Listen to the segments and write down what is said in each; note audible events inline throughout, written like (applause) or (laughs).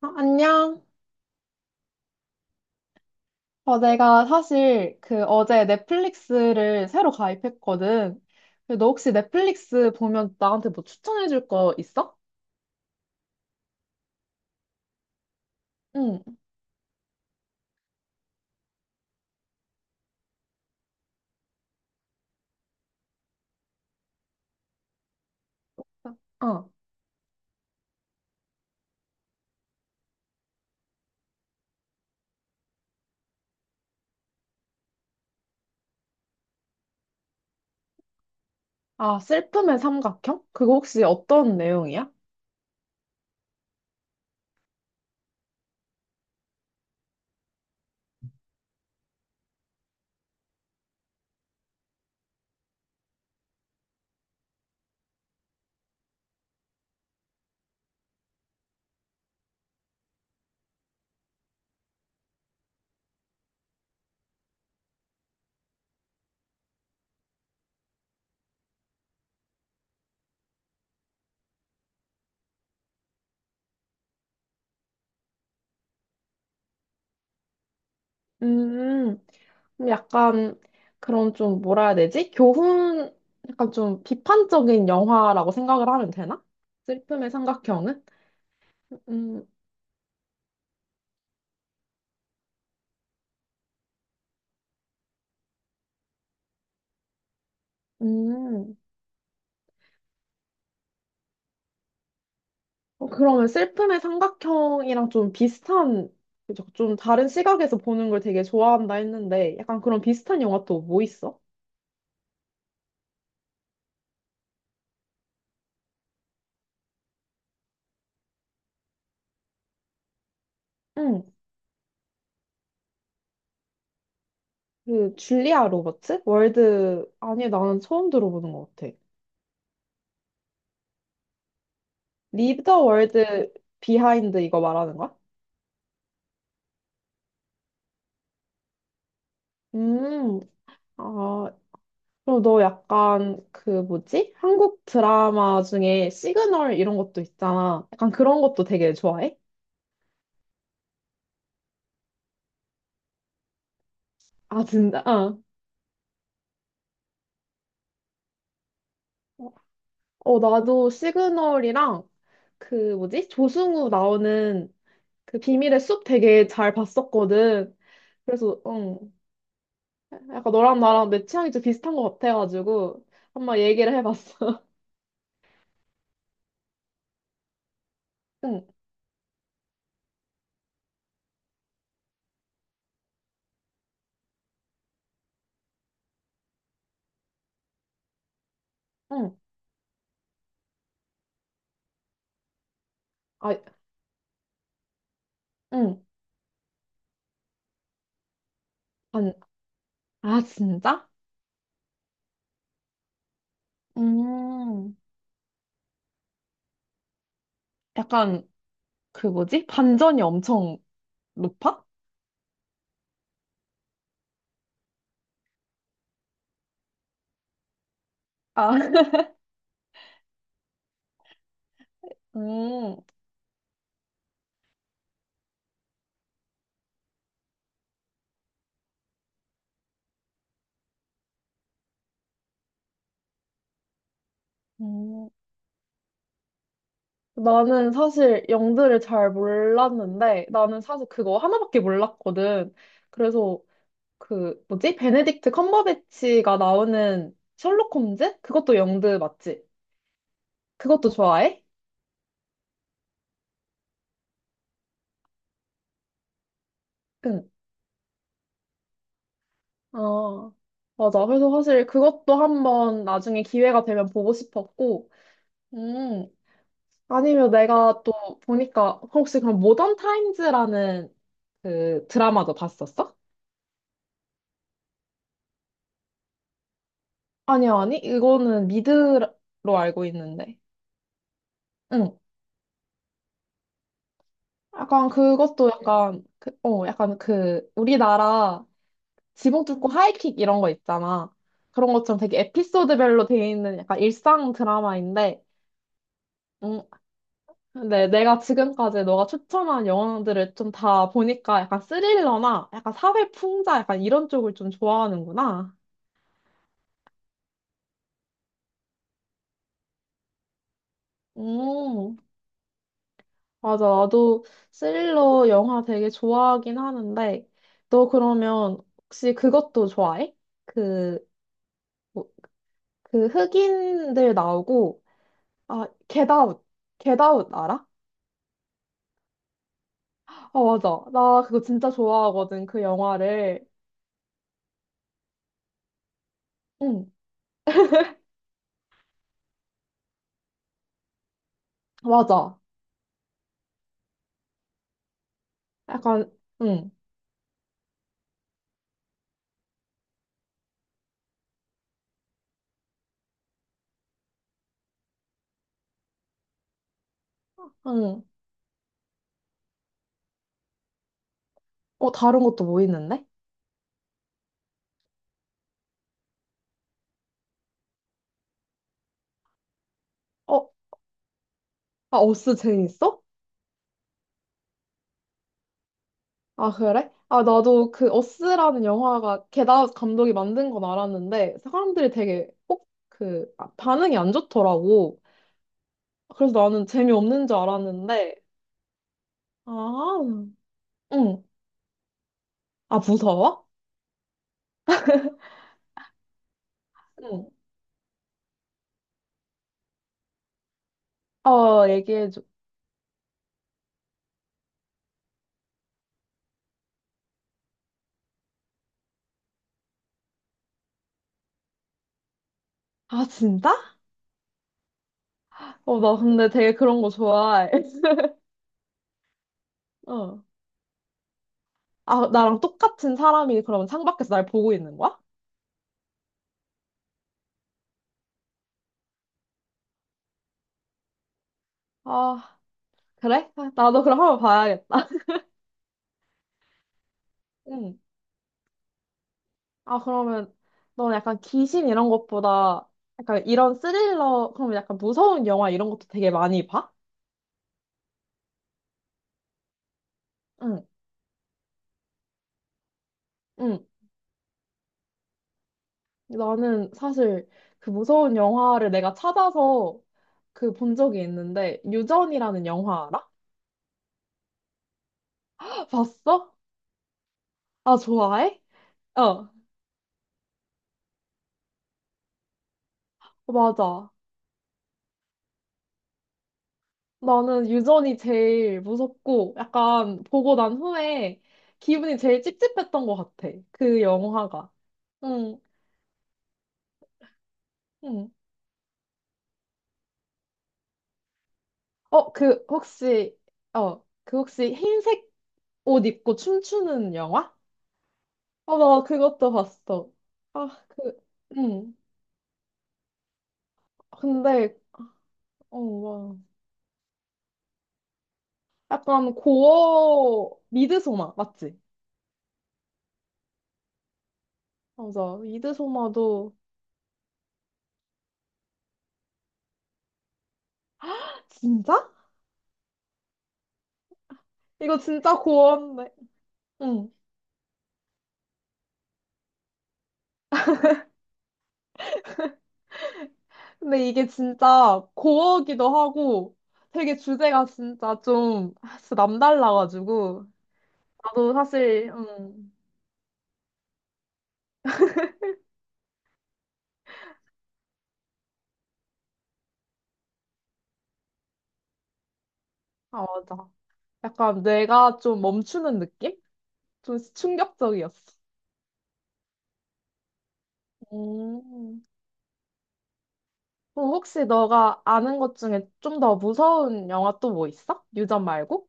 어, 안녕. 어, 내가 사실 그 어제 넷플릭스를 새로 가입했거든. 근데 너 혹시 넷플릭스 보면 나한테 뭐 추천해줄 거 있어? 응. 어. 아, 슬픔의 삼각형? 그거 혹시 어떤 내용이야? 음, 좀 약간 그런 좀 뭐라 해야 되지? 교훈, 약간 좀 비판적인 영화라고 생각을 하면 되나? 슬픔의 삼각형은? 음, 음. 어, 그러면 슬픔의 삼각형이랑 좀 비슷한, 그죠? 좀 다른 시각에서 보는 걸 되게 좋아한다 했는데, 약간 그런 비슷한 영화 또 뭐 있어? 응, 그, 줄리아 로버츠? 월드, 아니, 나는 처음 들어보는 것 같아. Leave the World Behind 이거 말하는 거야? 음, 아, 그럼 너 약간 그 뭐지? 한국 드라마 중에 시그널 이런 것도 있잖아. 약간 그런 것도 되게 좋아해? 아, 진짜? 어. 어, 나도 시그널이랑 그 뭐지? 조승우 나오는 그 비밀의 숲 되게 잘 봤었거든. 그래서 응. 약간 너랑 나랑 내 취향이 좀 비슷한 것 같아가지고 한번 얘기를 해봤어. (laughs) 응, 응, 아, 응, 반, 아 진짜? 음, 약간 그 뭐지? 반전이 엄청 높아? 아, (laughs) 음, 음. 나는 사실 영드를 잘 몰랐는데 나는 사실 그거 하나밖에 몰랐거든. 그래서 그 뭐지? 베네딕트 컴버배치가 나오는 셜록 홈즈? 그것도 영드 맞지? 그것도 좋아해? 응. 아, 맞아. 그래서 사실 그것도 한번 나중에 기회가 되면 보고 싶었고, 음, 아니면 내가 또 보니까 혹시 그럼 모던 타임즈라는 그 드라마도 봤었어? 아니, 아니. 이거는 미드로 알고 있는데. 응. 약간 그것도 약간, 그, 어, 약간 그 우리나라 지붕 뚫고 하이킥 이런 거 있잖아. 그런 것처럼 되게 에피소드별로 돼 있는 약간 일상 드라마인데, 음, 근데 내가 지금까지 너가 추천한 영화들을 좀 다 보니까 약간 스릴러나 약간 사회 풍자 약간 이런 쪽을 좀 좋아하는구나. 음, 맞아. 나도 스릴러 영화 되게 좋아하긴 하는데, 너 그러면 혹시 그것도 좋아해? 그, 뭐, 그 흑인들 나오고, 아, 겟아웃. 겟아웃 알아? 아, 맞아. 나 그거 진짜 좋아하거든, 그 영화를. 응, 맞아. 약간, 응, 응. 어, 다른 것도 뭐 있는데? 어, 아, 어스 재밌어? 아, 그래? 아, 나도 그 어스라는 영화가 게다 감독이 만든 건 알았는데, 사람들이 되게 꼭 그, 아, 반응이 안 좋더라고. 그래서 나는 재미없는 줄 알았는데, 아, 응. 아, 무서워? 응. 어, 얘기해줘. 아, 진짜? 어, 나 근데 되게 그런 거 좋아해. (laughs) 어. 아, 나랑 똑같은 사람이 그럼 창밖에서 날 보고 있는 거야? 아, 그래? 아, 나도 그럼 한번 봐야겠다. 응. 아, 그러면 너는 약간 귀신 이런 것보다 약간 이런 스릴러, 그러면 약간 무서운 영화 이런 것도 되게 많이 봐? 응, 응. 나는 사실 그 무서운 영화를 내가 찾아서 그 본 적이 있는데, 유전이라는 영화 알아? (gasps) (laughs) 봤어? 아, 좋아해? 어, 어, 맞아. 나는 유전이 제일 무섭고 약간 보고 난 후에 기분이 제일 찝찝했던 것 같아. 그 영화가. 응, 응. 어, 그 혹시 어, 그 혹시 흰색 옷 입고 춤추는 영화? 어, 나 그것도 봤어. 아, 그, 응. 근데 어, 와. 약간 고어 미드소마 맞지? 맞아. 미드소마도 진짜? 이거 진짜 고어인데. 응. 근데 이게 진짜 고어기도 하고 되게 주제가 진짜 좀 아, 진짜 남달라가지고 나도 사실 아 맞아 약간 뇌가 좀 멈추는 느낌? 좀 충격적이었어. 음. 그럼 혹시 너가 아는 것 중에 좀 더 무서운 영화 또 뭐 있어? 유전 말고?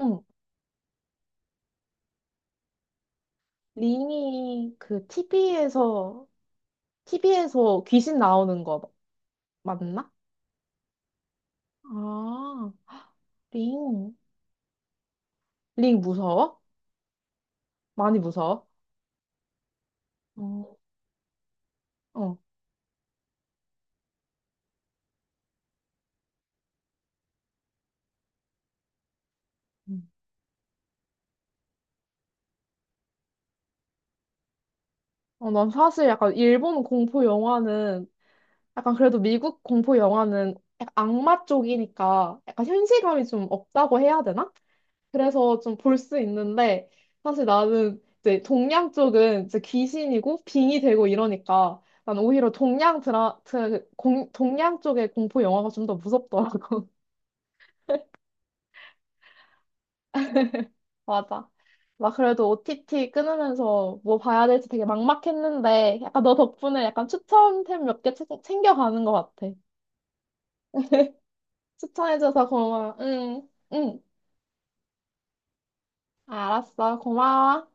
응. 링이 그 TV에서 귀신 나오는 거 맞나? 아, 링. 링 무서워? 많이 무서워? 어, 어. 음. 어, 난 사실 약간 일본 공포 영화는 약간 그래도 미국 공포 영화는 약간 악마 쪽이니까 약간 현실감이 좀 없다고 해야 되나? 그래서 좀 볼 수 있는데 사실 나는 이제 동양 쪽은 이제 귀신이고 빙이 되고 이러니까 난 오히려 동양 드라, 드, 공, 동양 쪽의 공포 영화가 좀 더 무섭더라고. 맞아. 막 그래도 OTT 끊으면서 뭐 봐야 될지 되게 막막했는데 약간 너 덕분에 약간 추천템 몇 개 챙겨가는 것 같아. 추천해줘서 고마워. 응, 응. 알았어. 고마워.